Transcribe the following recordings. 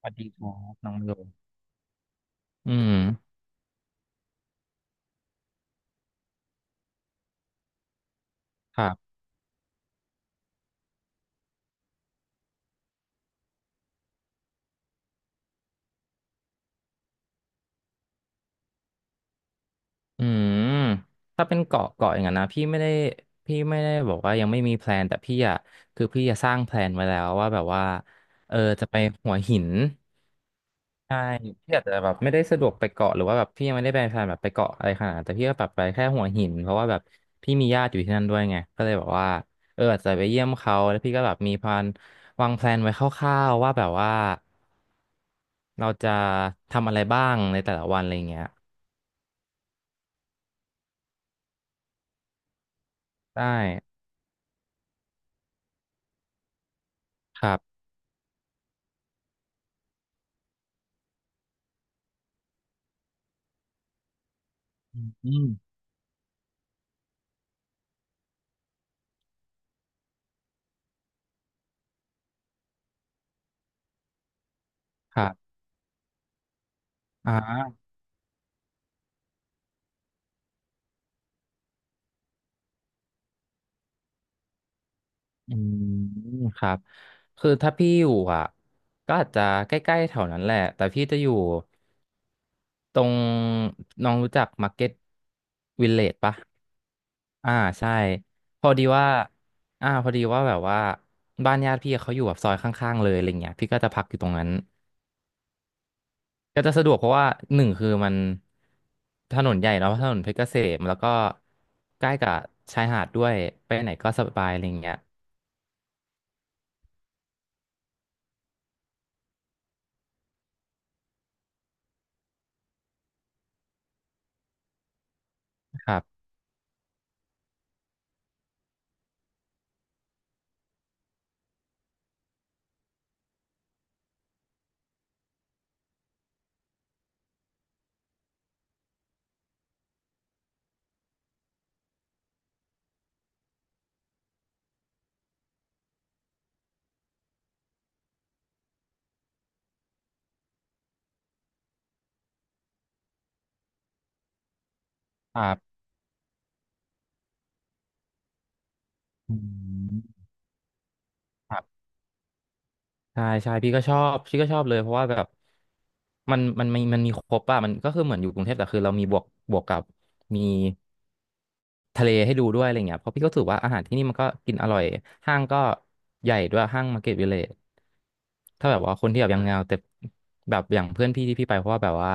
สวัสดีครับน้องโยอืมครับอืมถ้าเป็นเกาะเกาะอย่างนั้นนะพี่ไม่ได้บอกว่ายังไม่มีแพลนแต่พี่อะคือพี่จะสร้างแพลนไว้แล้วว่าแบบว่าจะไปหัวหิน ใช่พี่อาจจะแบบไม่ได้สะดวกไปเกาะหรือว่าแบบพี่ยังไม่ได้ไปแพลนแบบไปเกาะอะไรขนาดนั้นแต่พี่ก็แบบไปแค่หัวหินเพราะว่าแบบพี่มีญาติอยู่ที่นั่นด้วยไงก็เลยแบบว่าอาจจะไปเยี่ยมเขาแล้วพี่ก็แบบมีแพลนวางแพลนไว้คร่าวๆว่าแบบว่าเราจะทำอะไรบ้างในแต่ละวันอะไรเงี้ยได้ครับอืมครับอ่าอืมครับคือถ้าพี่อยู่อ่ะก็อาจจะใกล้ๆแถวนั้นแหละแต่พี่จะอยู่ ตรงน้องรู้จักมาร์เก็ตวิลเลจปะอ่าใช่พอดีว่าพอดีว่าแบบว่าบ้านญาติพี่เขาอยู่แบบซอยข้างๆเลยอะไรเงี้ยพี่ก็จะพักอยู่ตรงนั้นก็จะสะดวกเพราะว่า1คือมันถนนใหญ่เนาะถนนเพชรเกษมแล้วก็ใกล้กับชายหาดด้วยไปไหนก็สบายอะไรเงี้ยครับครับอืม ใช่ใช่พี่ก็ชอบพี่ก็ชอบเลยเพราะว่าแบบมันมีครบอะมันก็คือเหมือนอยู่กรุงเทพแต่คือเรามีบวกกับมีทะเลให้ดูด้วยอะไรเงี้ยเพราะพี่ก็รู้สึกว่าอาหารที่นี่มันก็กินอร่อยห้างก็ใหญ่ด้วยห้างมาร์เก็ตวิลเลจถ้าแบบว่าคนที่แบบยังเงาแต่แบบอย่างเพื่อนพี่ที่พี่ไปเพราะว่าแบบว่า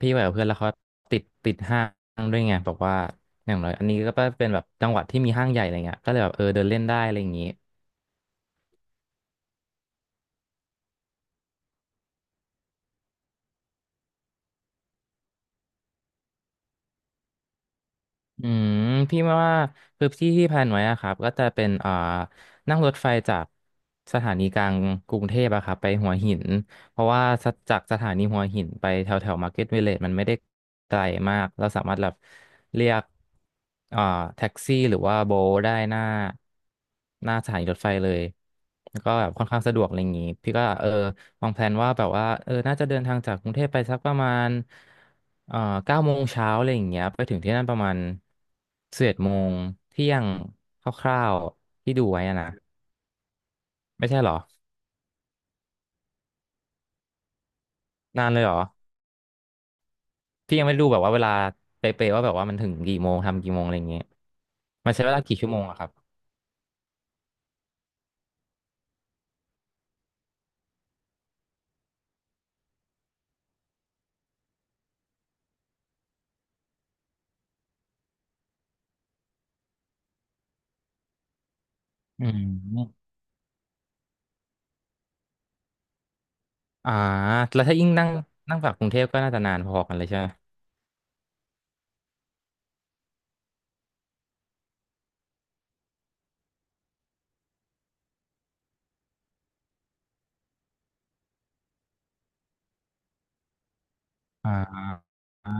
พี่ไปกับเพื่อนแล้วเขาติดห้างด้วยไงแบบว่าอย่างน้อยอันนี้ก็เป็นแบบจังหวัดที่มีห้างใหญ่อะไรเงี้ยก็เลยแบบเดินเล่นได้อะไรอย่างงี้ อืมพี่ว่าคือที่ที่แพลนไว้อะครับก็จะเป็นนั่งรถไฟจากสถานีกลางกรุงเทพอะครับไปหัวหินเพราะว่าจากสถานีหัวหินไปแถวแถวมาร์เก็ตวิลเลจมันไม่ได้ไกลมากเราสามารถแบบเรียกเอ่อแท็กซี่หรือว่าโบทได้หน้าสถานีรถไฟเลยแล้วก็แบบค่อนข้างสะดวกอะไรอย่างงี้พี่ก็วางแผนว่าแบบว่าน่าจะเดินทางจากกรุงเทพไปสักประมาณเอ่อ9 โมงเช้าอะไรอย่างเงี้ยไปถึงที่นั่นประมาณ11 โมงเที่ยงคร่าวๆที่ดูไว้อะนะไม่ใช่เหรอนานเลยเหรอพี่ยังไม่รู้แบบว่าเวลาเป๊ะๆว่าแบบว่ามันถึงกี่โมงทำกี่โมงอะไรอย่างเงี้ยมันใช้เวลากี่ชั่วโมงอะครับอืมอ่าแล้วถ้ายิ่งนั่งนั่งจากกรุงเทพก็น่าจะนานพอกันเลยใช่ไหมอ่าอ่า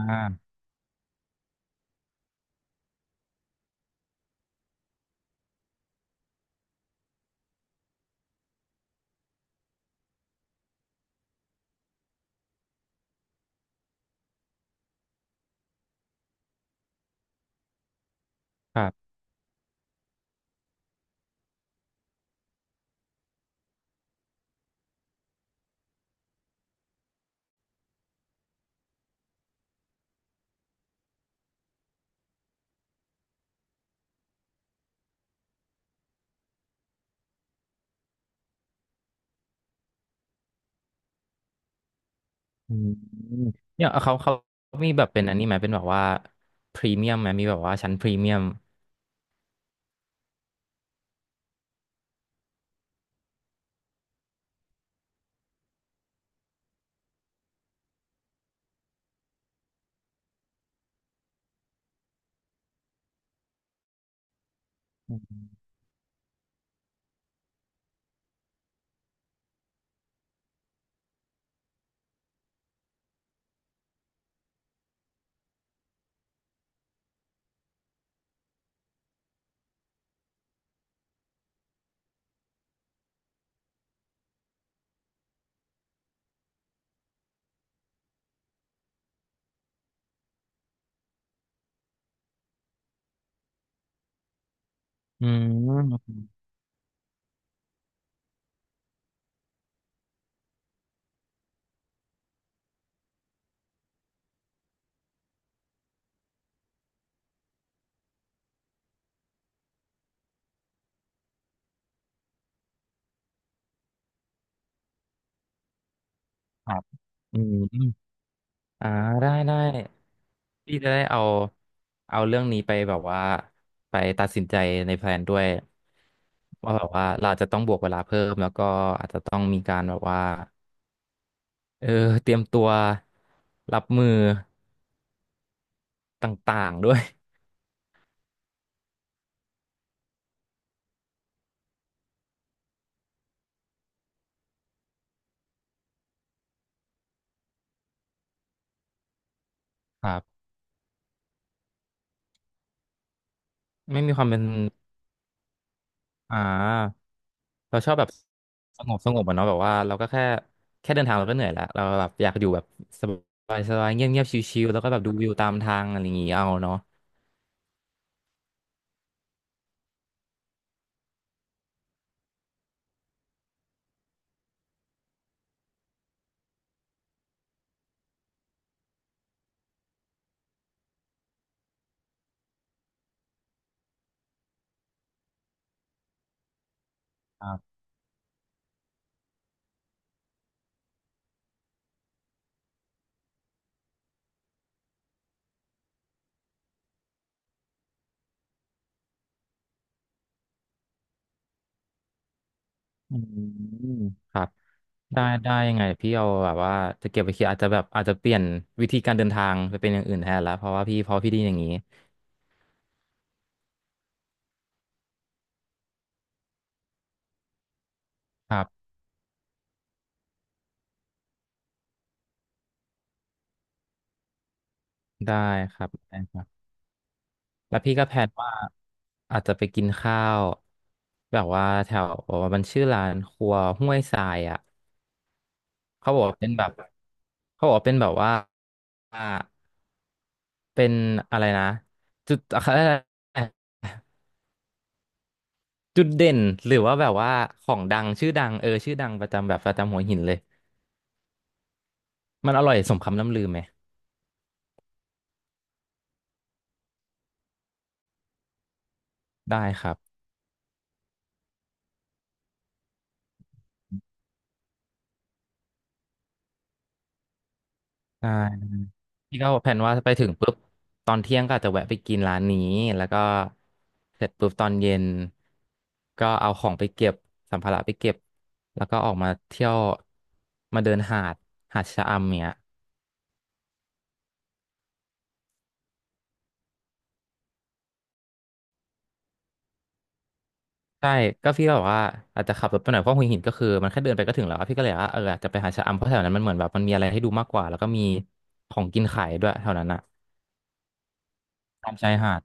ครับ อืมเนี่ยเขามีแบบเป็นอันนี้ไหมเป็นแบบว่าพรีเมียมไหมมีแบบว่าชั้นพรีเมียมอืมครับอืมอ่าได้ได้พี่จะได้เอาเรื่องนี้ไปแบบว่า ไปตัดสินใจในแพลนด้วยว่าแบบว่าเราจะต้องบวกเวลาเพิ่มแล้วก็อาจจะต้องมีการแบบว่าเออเตรียมตัวรับมือต่างๆด้วยครับไม่มีความเป็นอ่า เราชอบแบบสงบสงบอะเนาะแบบว่าเราก็แค่เดินทางเราก็เหนื่อยแล้วเราแบบอยากอยู่แบบสบายสบายเงียบเงียบชิวๆแล้วก็แบบดูวิวตามทางอะไรอย่างงี้เอาเนาะครับอืมครับได้ได้ยังไงพี่เอาแบบว่าจะเก็บไปคิดอาจจะแบบอาจจะเปลี่ยนวิธีการเดินทางไปเป็นอย่างอื่นแทนแล้วเพราะว่าพี่พอพี่ไดีอย่างนี้ครับได้ครับได้ครับแล้วพี่ก็แพลนว่าอาจจะไปกินข้าวแบบว่าแถวมันชื่อร้านครัวห้วยทรายอ่ะ เขาบอกว่าเป็นแบบเขาบอกว่าเป็นแบบว่าอ่าเป็นอะไรนะจุดอะไรนะจุดเด่นหรือว่าแบบว่าของดังชื่อดังประจำแบบประจำหัวหินเลยมันอร่อยสมคำล่ำลือไหมได้ครับได้พี่ก็แผนว่าไปถึงปุ๊บตอนเที่ยงก็อาจจะแวะไปกินร้านนี้แล้วก็เสร็จปุ๊บตอนเย็นก็เอาของไปเก็บสัมภาระไปเก็บแล้วก็ออกมาเที่ยวมาเดินหาดหาดชะอำเนี่ย ใช่ก็พี่ก็บอบว่าอาจจะขับรถไปหน่อยเพราะหัวหินก็คือมันแค่เดินไปก็ถึงแล้วอะพี่ก็เลยว่าอาจจะไปหาชะอำเพราะแถวนั้นมันเหมือนแบบมันมีอะไรให้ดูมากกว่าแล้วก็มีของกินขายด้วยแถวนั้นอะตามชายหาด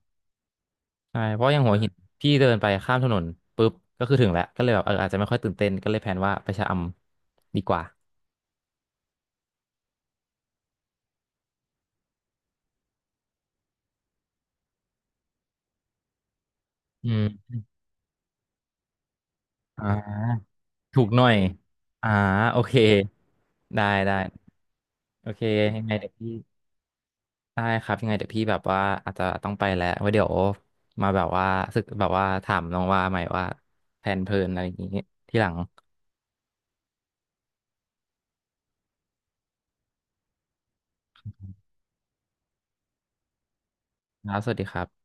ใช่เพราะอย่างหัวหินพี่เดินไปข้ามถนนปุ๊บก็คือถึงแล้วก็เลยแบบอาจจะไม่ค่อยตื่นเต้นก็เลยแพลนว่าไปชะอำดีกว่าอืมอ่าถูกหน่อยอ่าโอเคได้ได้โอเคยังไงเดี๋ยวพี่ ได้ครับยังไงเดี๋ยวพี่แบบว่าอาจจะต้องไปแล้วไว้เดี๋ยวมาแบบว่าสึกแบบว่าถามน้องว่าใหม่ว่าแผนเพลินอะไรอย่างนี้ที่หลังครับสวัสดีครับ